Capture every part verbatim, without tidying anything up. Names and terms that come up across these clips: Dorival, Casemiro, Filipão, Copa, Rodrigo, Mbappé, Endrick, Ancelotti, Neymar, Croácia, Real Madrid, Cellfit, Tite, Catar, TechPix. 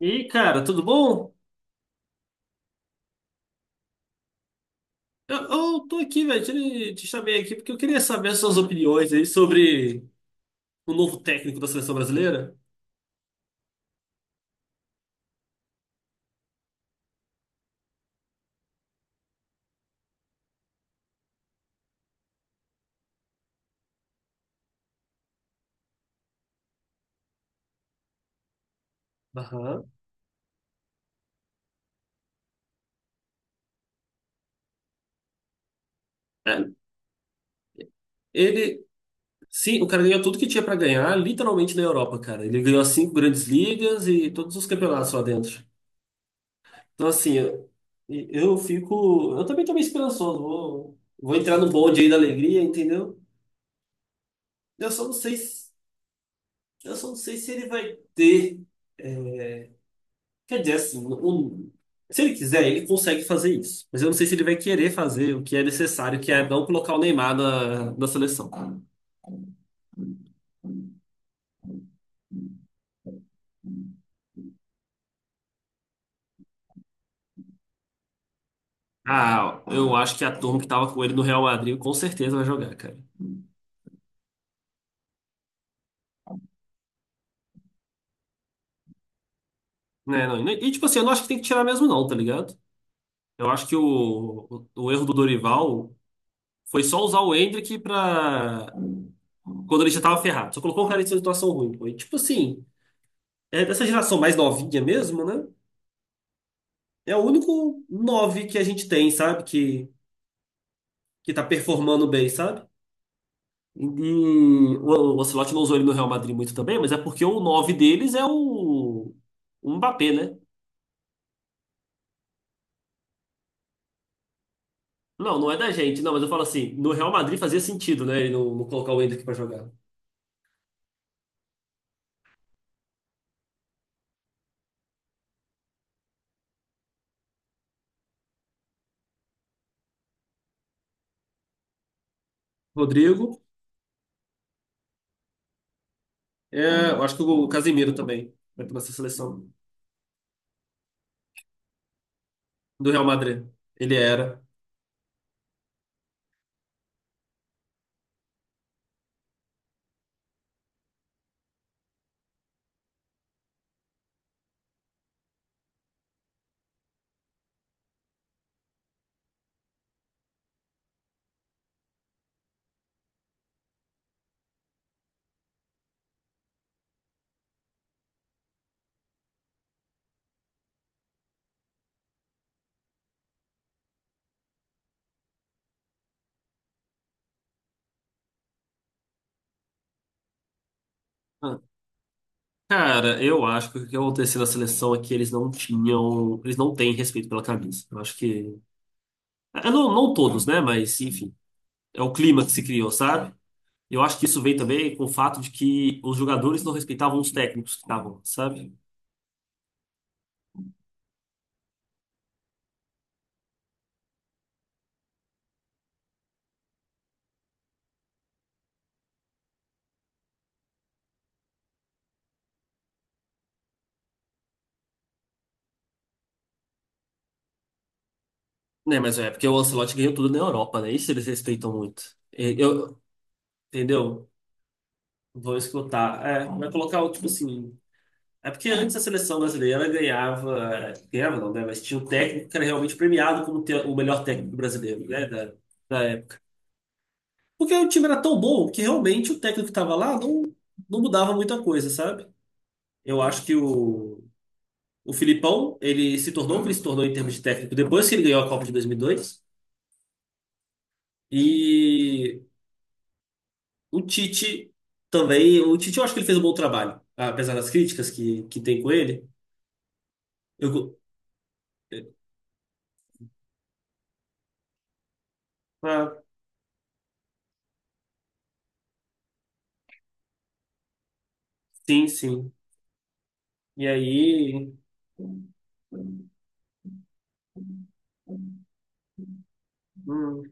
E aí, cara, tudo bom? Eu, eu tô aqui, velho, te, te chamei aqui porque eu queria saber suas opiniões aí sobre o novo técnico da seleção brasileira. Aham. É, ele, sim, o cara ganhou tudo que tinha pra ganhar, literalmente na Europa, cara. Ele ganhou as cinco grandes ligas e todos os campeonatos lá dentro. Então, assim, eu, eu fico. Eu também tô meio esperançoso. Vou, vou entrar no bonde aí da alegria, entendeu? Eu só não sei, se- eu só não sei se ele vai ter. é, Quer dizer, assim, o- se ele quiser, ele consegue fazer isso. Mas eu não sei se ele vai querer fazer o que é necessário, que é não colocar o Neymar na, na seleção. Ah, eu acho que a turma que tava com ele no Real Madrid com certeza vai jogar, cara. Né, não, e, tipo assim, eu não acho que tem que tirar mesmo, não, tá ligado? Eu acho que o, o, o erro do Dorival foi só usar o Endrick pra. Quando ele já tava ferrado. Só colocou o cara em situação ruim, pô. E, tipo assim, é dessa geração mais novinha mesmo, né? É o único nove que a gente tem, sabe? que que tá performando bem, sabe? E e o o Ancelotti não usou ele no Real Madrid muito também, mas é porque o nove deles é o, o Mbappé, né? Não, não é da gente, não, mas eu falo assim, no Real Madrid fazia sentido, né? Ele não, não colocar o Endrick pra jogar. Rodrigo, é, eu acho que o Casemiro também vai pra essa seleção do Real Madrid. Ele era. Ah, Cara, eu acho que o que aconteceu na seleção é que eles não tinham, eles não têm respeito pela camisa. Eu acho que, é, não, não todos, né? Mas enfim, é o clima que se criou, sabe? Eu acho que isso veio também com o fato de que os jogadores não respeitavam os técnicos que estavam, sabe? Né, mas é porque o Ancelotti ganhou tudo na Europa, né? Isso eles respeitam muito. E- Eu, entendeu? Vou escutar. É, vai colocar o tipo assim. É porque antes a seleção brasileira ganhava, é, ganhava não, né? Mas tinha um técnico que era realmente premiado como te- o melhor técnico brasileiro, né? Da, da época. Porque o time era tão bom que realmente o técnico que estava lá não, não mudava muita coisa, sabe? Eu acho que o O Filipão, ele se tornou o que ele se tornou em termos de técnico depois que ele ganhou a Copa de dois mil e dois. E dois. E o Tite também. O Tite, eu acho que ele fez um bom trabalho, apesar das críticas que, que tem com ele. Eu, go- ah, sim, sim. E aí. hum,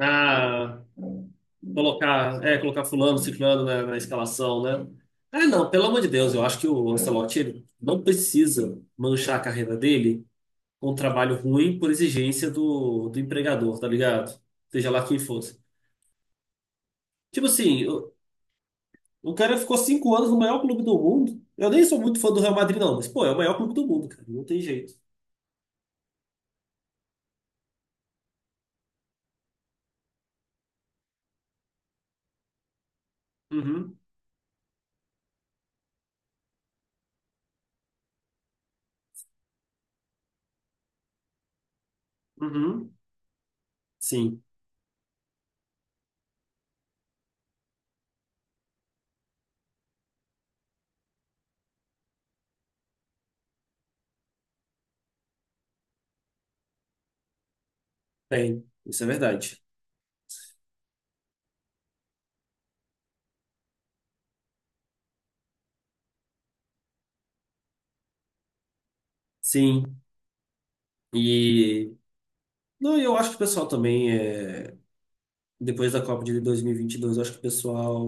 ah, colocar, é, colocar fulano, ciclano na, na escalação, né? Ah, não, pelo amor de Deus, eu acho que o Ancelotti ele não precisa manchar a carreira dele um trabalho ruim por exigência do, do empregador, tá ligado? Seja lá quem fosse. Tipo assim, o, o cara ficou cinco anos no maior clube do mundo. Eu nem sou muito fã do Real Madrid, não, mas, pô, é o maior clube do mundo, cara. Não tem jeito. Uhum, uhum. Sim, tem. Isso é verdade. Sim. E. Não, eu acho que o pessoal também, é... depois da Copa de dois mil e vinte e dois, eu acho que o pessoal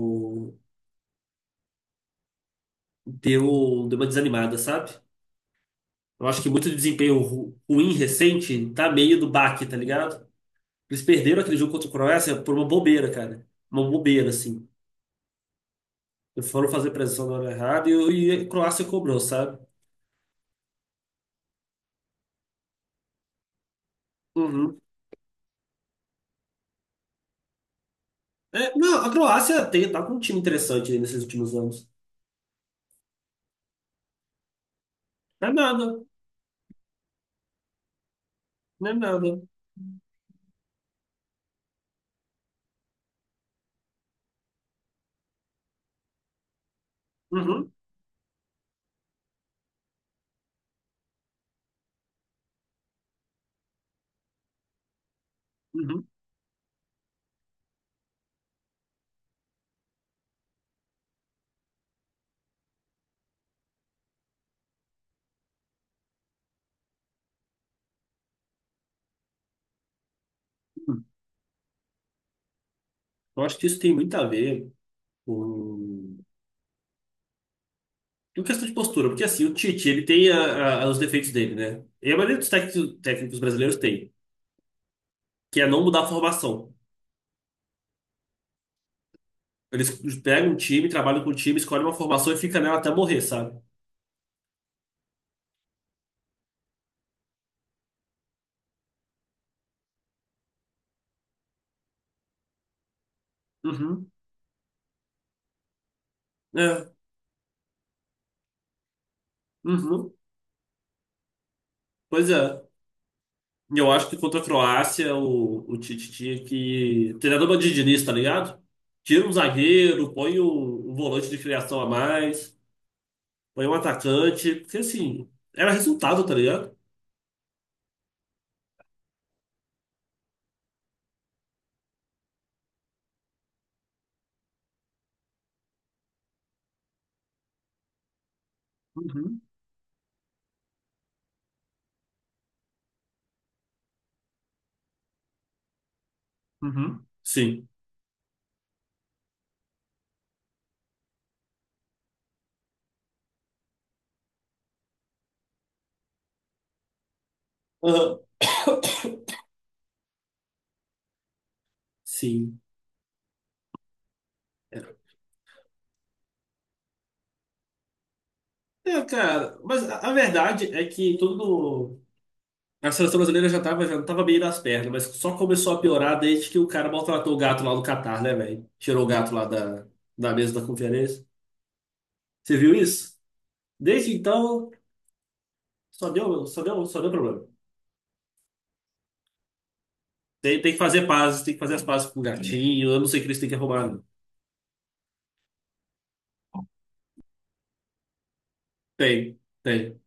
deu, deu uma desanimada, sabe? Eu acho que muito desempenho ru- ruim recente tá meio do baque, tá ligado? Eles perderam aquele jogo contra a Croácia por uma bobeira, cara. Uma bobeira, assim. Eles foram fazer pressão na hora errada e, e a Croácia cobrou, sabe? Uhum. É, não, a Croácia tem, tá com um time interessante aí nesses últimos anos. Não é nada, não é nada. Uhum, uhum, uhum. Eu acho que isso tem muito a ver com... com questão de postura, porque assim, o Tite, ele tem a- a- os defeitos dele, né? E a maioria dos técnicos, técnicos brasileiros tem, que é não mudar a formação. Eles pegam um time, trabalham com o time, escolhem uma formação e fica nela até morrer, sabe? Uhum. É, uhum, pois é. E eu acho que contra a Croácia o, o Tite tinha que. Treinador bandidinista, tá ligado? Tira um zagueiro, põe o, o volante de criação a mais, põe um atacante, porque assim, era resultado, tá ligado? Uhum, uhum. Sim. Aham, sim. É, é, cara, mas a, a verdade é que todo a seleção brasileira já tava, já tava bem nas pernas, mas só começou a piorar desde que o cara maltratou o gato lá do Catar, né, velho? Tirou o gato lá da, da mesa da conferência. Você viu isso? Desde então, só deu, só deu, só deu problema. Tem, tem que fazer paz, tem que fazer as pazes com o gatinho. Eu não sei o que eles têm que arrumar, não. Tem, tem.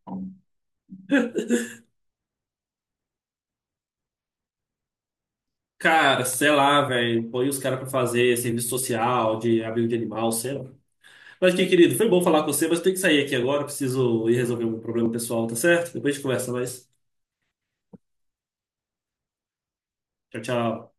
Cara, sei lá, velho. Põe os caras pra fazer serviço social, de abrigo de animal, sei lá. Mas, que querido, foi bom falar com você, mas eu tenho que sair aqui agora. Preciso ir resolver um problema pessoal, tá certo? Depois a gente conversa mais. Tchau, tchau.